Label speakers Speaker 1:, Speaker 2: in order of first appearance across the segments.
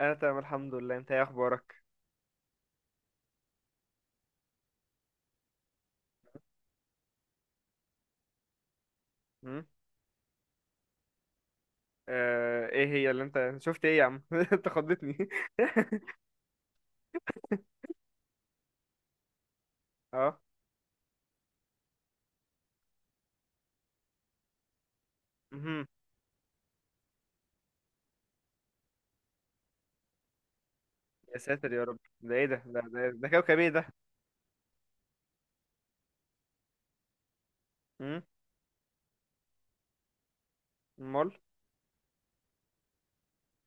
Speaker 1: انا تمام الحمد لله، انت ايه اخبارك؟ هم؟ آه، ايه هي اللي انت شفت؟ ايه يا عم؟ انت خضتني. اه. مهم. يا ساتر يا رب، ده ايه؟ ده، ده كوكب ايه ده؟ هم؟ امال.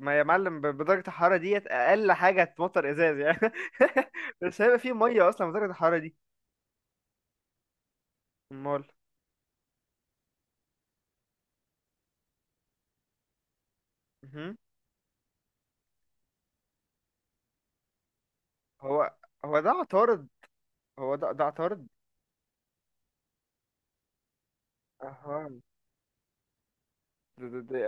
Speaker 1: ما يا معلم، بدرجة الحرارة ديت اقل حاجة هتمطر ازاز يعني. مش هيبقى فيه مية اصلا بدرجة الحرارة دي. امال. مهم. هو ده عطارد. هو ده عطارد. اها، ده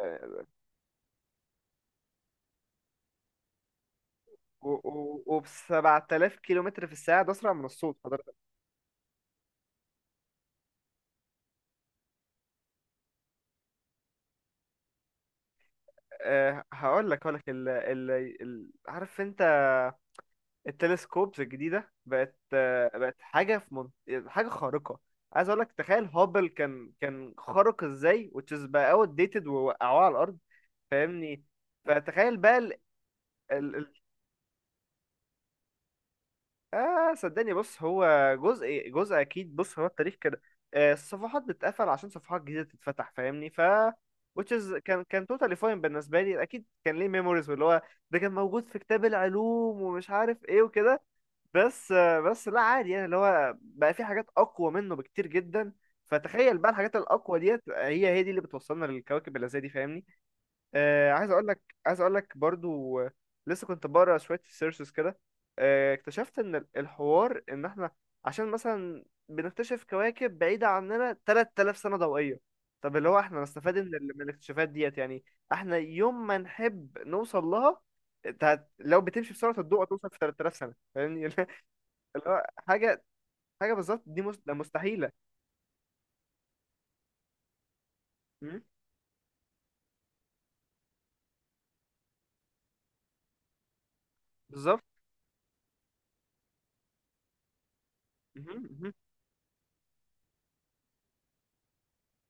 Speaker 1: وب 7000 كيلو متر في الساعة، ده اسرع من الصوت. هقول لك عارف انت؟ التلسكوبز الجديده بقت حاجه خارقه. عايز اقول لك، تخيل هابل كان خارق ازاي، وتشيز بقى اوت ديتد ووقعوه على الارض. فاهمني؟ فتخيل بقى. صدقني، بص هو جزء أكيد. بص هو التاريخ كده، الصفحات بتتقفل عشان صفحات جديدة تتفتح. فاهمني؟ Which is كان totally fine بالنسبة لي. أكيد كان ليه memories، واللي هو ده كان موجود في كتاب العلوم ومش عارف إيه وكده. بس لا، عادي يعني، اللي هو بقى في حاجات أقوى منه بكتير جدا. فتخيل بقى الحاجات الأقوى ديت، هي دي اللي بتوصلنا للكواكب اللي زي دي. فاهمني؟ عايز اقول لك برضو، لسه كنت بقرا شويه سيرشز كده. اكتشفت ان الحوار، ان احنا عشان مثلا بنكتشف كواكب بعيده عننا 3000 سنه ضوئيه. طب اللي هو احنا نستفاد من الاكتشافات ديت يعني؟ احنا يوم ما نحب نوصل لها، لو بتمشي بسرعه الضوء هتوصل في 3000 سنه. فاهمني؟ اللي هو حاجه بالظبط، دي مستحيله. مم، بالظبط. مهم، مهم،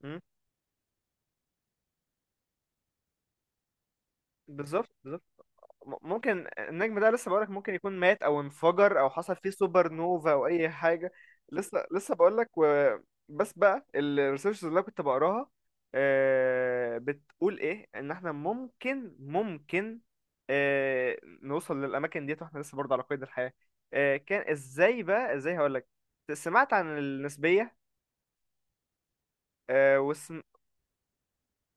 Speaker 1: مهم. بالظبط، بالظبط. ممكن النجم ده، لسه بقولك، ممكن يكون مات او انفجر او حصل فيه سوبر نوفا او اي حاجه. لسه بقولك، بس بقى الريسيرش اللي أنا كنت بقراها، بتقول ايه؟ ان احنا ممكن نوصل للاماكن ديت واحنا لسه برضه على قيد الحياه. كان ازاي بقى؟ ازاي هقولك. سمعت عن النسبيه؟ آه، وسم...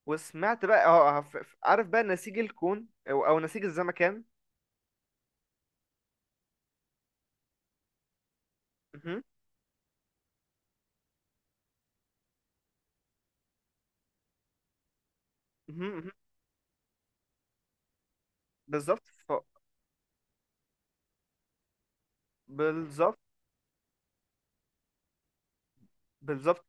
Speaker 1: وسمعت بقى، عارف بقى نسيج الكون او نسيج الزمكان؟ مهم. مهم. مهم. بالظبط. بالظبط. بالظبط.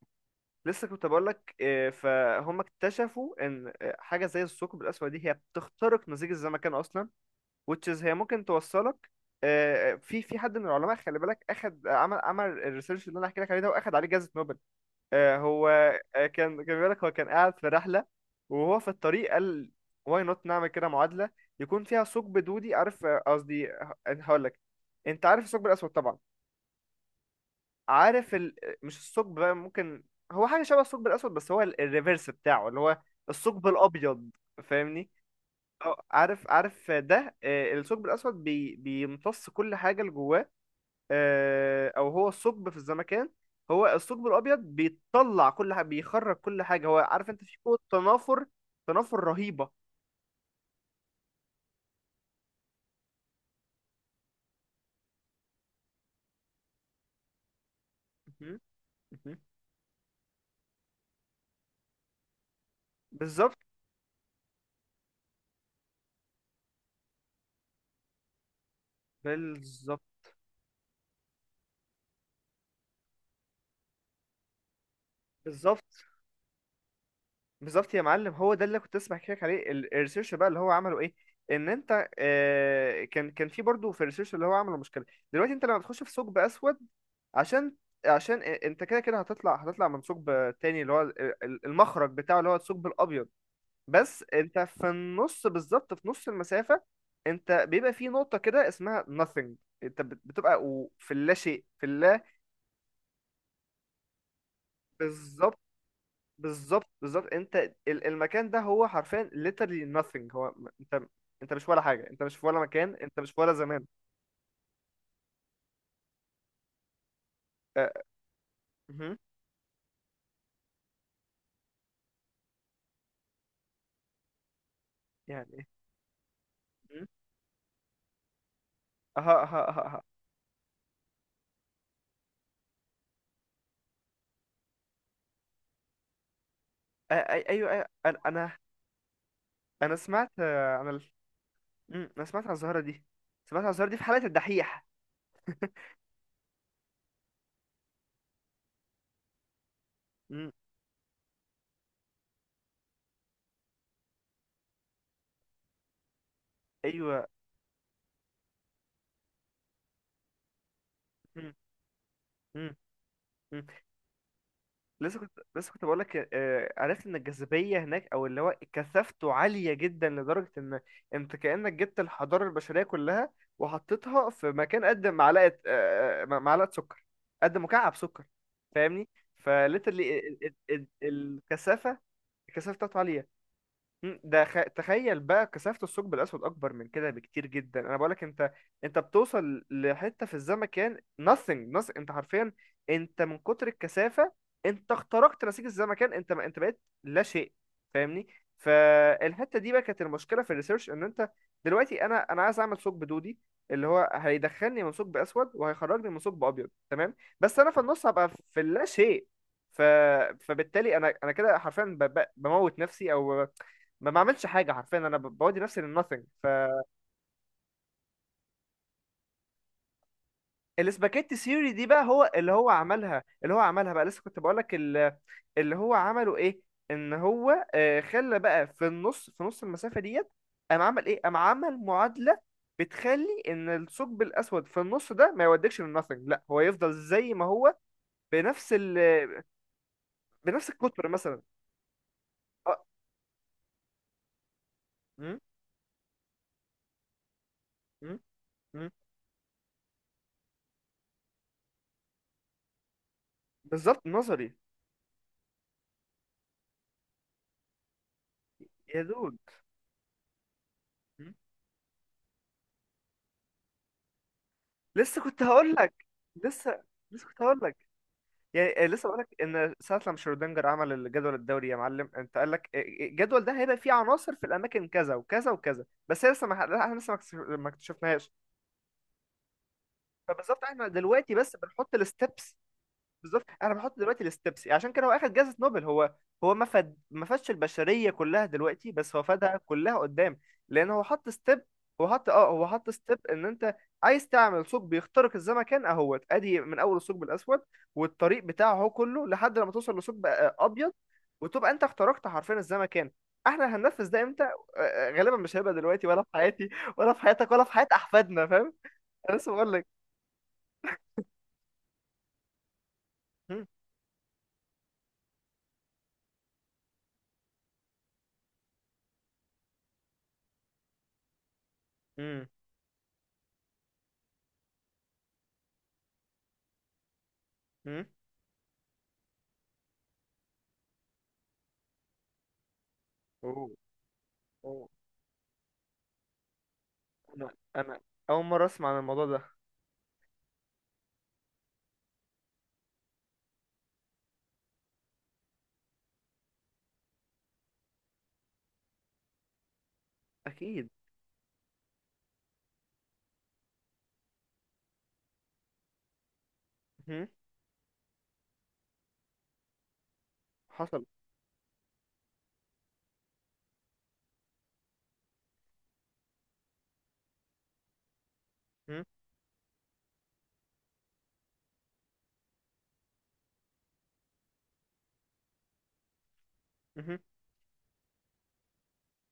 Speaker 1: لسه كنت بقول لك، فهم اكتشفوا ان حاجه زي الثقب الاسود دي، هي بتخترق نسيج الزمكان اصلا، which is هي ممكن توصلك. في حد من العلماء، خلي بالك، اخد، عمل الريسيرش اللي انا احكي لك عليه ده، واخد عليه جائزه نوبل. هو كان بيقول لك هو كان قاعد في رحله، وهو في الطريق قال واي نوت نعمل كده معادله يكون فيها ثقب دودي. عارف، قصدي، هقول لك، انت عارف الثقب الاسود طبعا. عارف مش الثقب، بقى ممكن هو حاجة شبه الثقب الأسود بس هو الريفرس بتاعه، اللي هو الثقب الأبيض. فاهمني؟ اه، عارف ده. الثقب الأسود بيمتص كل حاجة اللي جواه، أو هو الثقب في الزمكان. هو الثقب الأبيض بيطلع كل حاجة، بيخرج كل حاجة. هو عارف، أنت في قوة تنافر رهيبة. مهم. مهم. بالظبط. بالظبط. بالظبط، بالظبط يا معلم، هو ده اللي كنت لسه بحكي لك عليه. الريسيرش بقى اللي هو عمله ايه؟ ان انت، كان في برضه في الريسيرش اللي هو عمله، مشكله. دلوقتي انت لما تخش في ثقب اسود، عشان عشان انت كده كده هتطلع من ثقب تاني، اللي هو المخرج بتاعه، اللي هو الثقب الابيض. بس انت في النص بالظبط، في نص المسافه، انت بيبقى في نقطه كده اسمها nothing. انت بتبقى، في اللا شيء في اللا بالظبط، بالظبط. بالظبط انت، المكان ده هو حرفيا literally nothing. انت مش ولا حاجه، انت مش في ولا مكان، انت مش في ولا زمان. أه. مهم. يعني ايه؟ مهم. اها، اها، اها، اها. أه، ايوه، ايوه. انا انا انا سمعت آه، عن ال... مم، انا سمعت عن الظاهره دي. سمعت عن الظاهره دي في حلقه الدحيح. مم. ايوه. مم. مم. مم. لسه كنت بقول لك، عرفت ان الجاذبيه هناك، او اللي هو كثافته عاليه جدا، لدرجه ان انت كانك جبت الحضاره البشريه كلها وحطيتها في مكان قد معلقه آه، آه، معلقه سكر، قد مكعب سكر. فاهمني؟ فليترلي. الكثافه. الكثافه بتاعته عاليه. تخيل بقى كثافة الثقب الأسود أكبر من كده بكتير جدا. أنا بقولك، أنت أنت بتوصل لحتة في الزمكان، nothing nothing، أنت حرفيا، أنت من كتر الكثافة أنت اخترقت نسيج الزمكان. أنت بقيت لا شيء. فاهمني؟ فالحتة دي بقى كانت المشكلة في الريسيرش. إن أنت دلوقتي، أنا عايز أعمل ثقب دودي اللي هو هيدخلني من ثقب أسود وهيخرجني من ثقب أبيض، تمام، بس أنا في النص هبقى في اللا شيء. ف... فبالتالي أنا كده حرفيا بموت نفسي، أو ما بعملش حاجه، حرفيا انا بودي نفسي للناثينج. فالاسباجيتي سيري دي بقى هو اللي هو عملها. بقى لسه كنت بقول لك، اللي هو عمله ايه؟ ان هو خلى بقى في النص، في نص المسافه ديت، قام عمل ايه؟ قام عمل معادله بتخلي ان الثقب الاسود في النص ده ما يوديكش للناثينج، لا هو يفضل زي ما هو، بنفس ال بنفس القطر مثلا. اه. م- م- م- بالظبط، نظري. يا دود، م- لسه كنت هقول لك. لسه لسه كنت هقول لك، يعني، لسه بقولك ان ساعه لما شرودنجر عمل الجدول الدوري يا معلم، انت قال لك، الجدول ده هيبقى فيه عناصر في الاماكن كذا وكذا وكذا، بس هي لسه، ما ح- احنا لسه ما اكتشفناهاش. فبالظبط احنا دلوقتي بس بنحط الستبس. بالظبط، انا بحط دلوقتي الستبس، عشان كده هو اخد جائزة نوبل. هو، هو ما فادش البشرية كلها دلوقتي، بس هو فادها كلها قدام، لان هو حط ستيب. هو حط ستيب، ان انت عايز تعمل ثقب بيخترق الزمكان، اهوت ادي من اول الثقب الاسود والطريق بتاعه هو كله، لحد لما توصل لثقب ابيض، وتبقى انت اخترقت حرفيا الزمكان. احنا هننفذ ده امتى؟ غالبا مش هيبقى دلوقتي ولا في حياتي ولا في حياتك ولا في حياة احفادنا. فاهم؟ انا لسه بقول لك. مم. مم. مم. اوه، اوه. انا انا اول مره اسمع عن الموضوع ده. اكيد. مهم. حصل. مهم. مهم.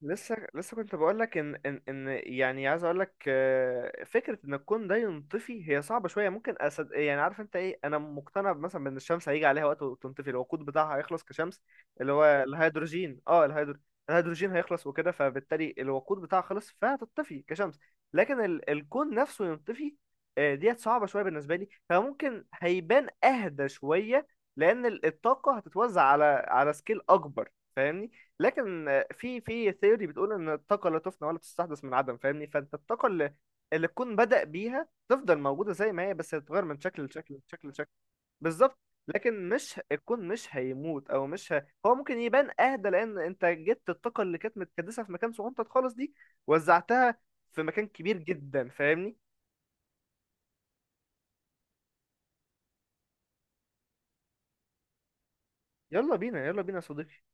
Speaker 1: لسه كنت بقولك ان يعني، عايز اقولك، فكره ان الكون ده ينطفي هي صعبه شويه، ممكن أسد يعني. عارف انت ايه؟ انا مقتنع مثلا بان الشمس هيجي عليها وقت وتنطفي، الوقود بتاعها هيخلص كشمس، اللي هو الهيدروجين. الهيدروجين هيخلص وكده، فبالتالي الوقود بتاعها خلص فهتطفي كشمس. لكن الكون نفسه ينطفي، ديت صعبه شويه بالنسبه لي. فممكن هيبان اهدى شويه، لان الطاقه هتتوزع على سكيل اكبر. فاهمني؟ لكن في ثيوري بتقول ان الطاقه لا تفنى ولا تستحدث من عدم. فاهمني؟ فانت الطاقه اللي الكون بدأ بيها تفضل موجوده زي ما هي، بس هتتغير من شكل لشكل، من شكل لشكل. بالظبط. لكن مش الكون، مش هيموت، او مش ه... هو ممكن يبان اهدى، لان انت جبت الطاقه اللي كانت متكدسه في مكان صغنطط خالص دي، وزعتها في مكان كبير جدا. فاهمني؟ يلا بينا، يلا بينا يا صديقي.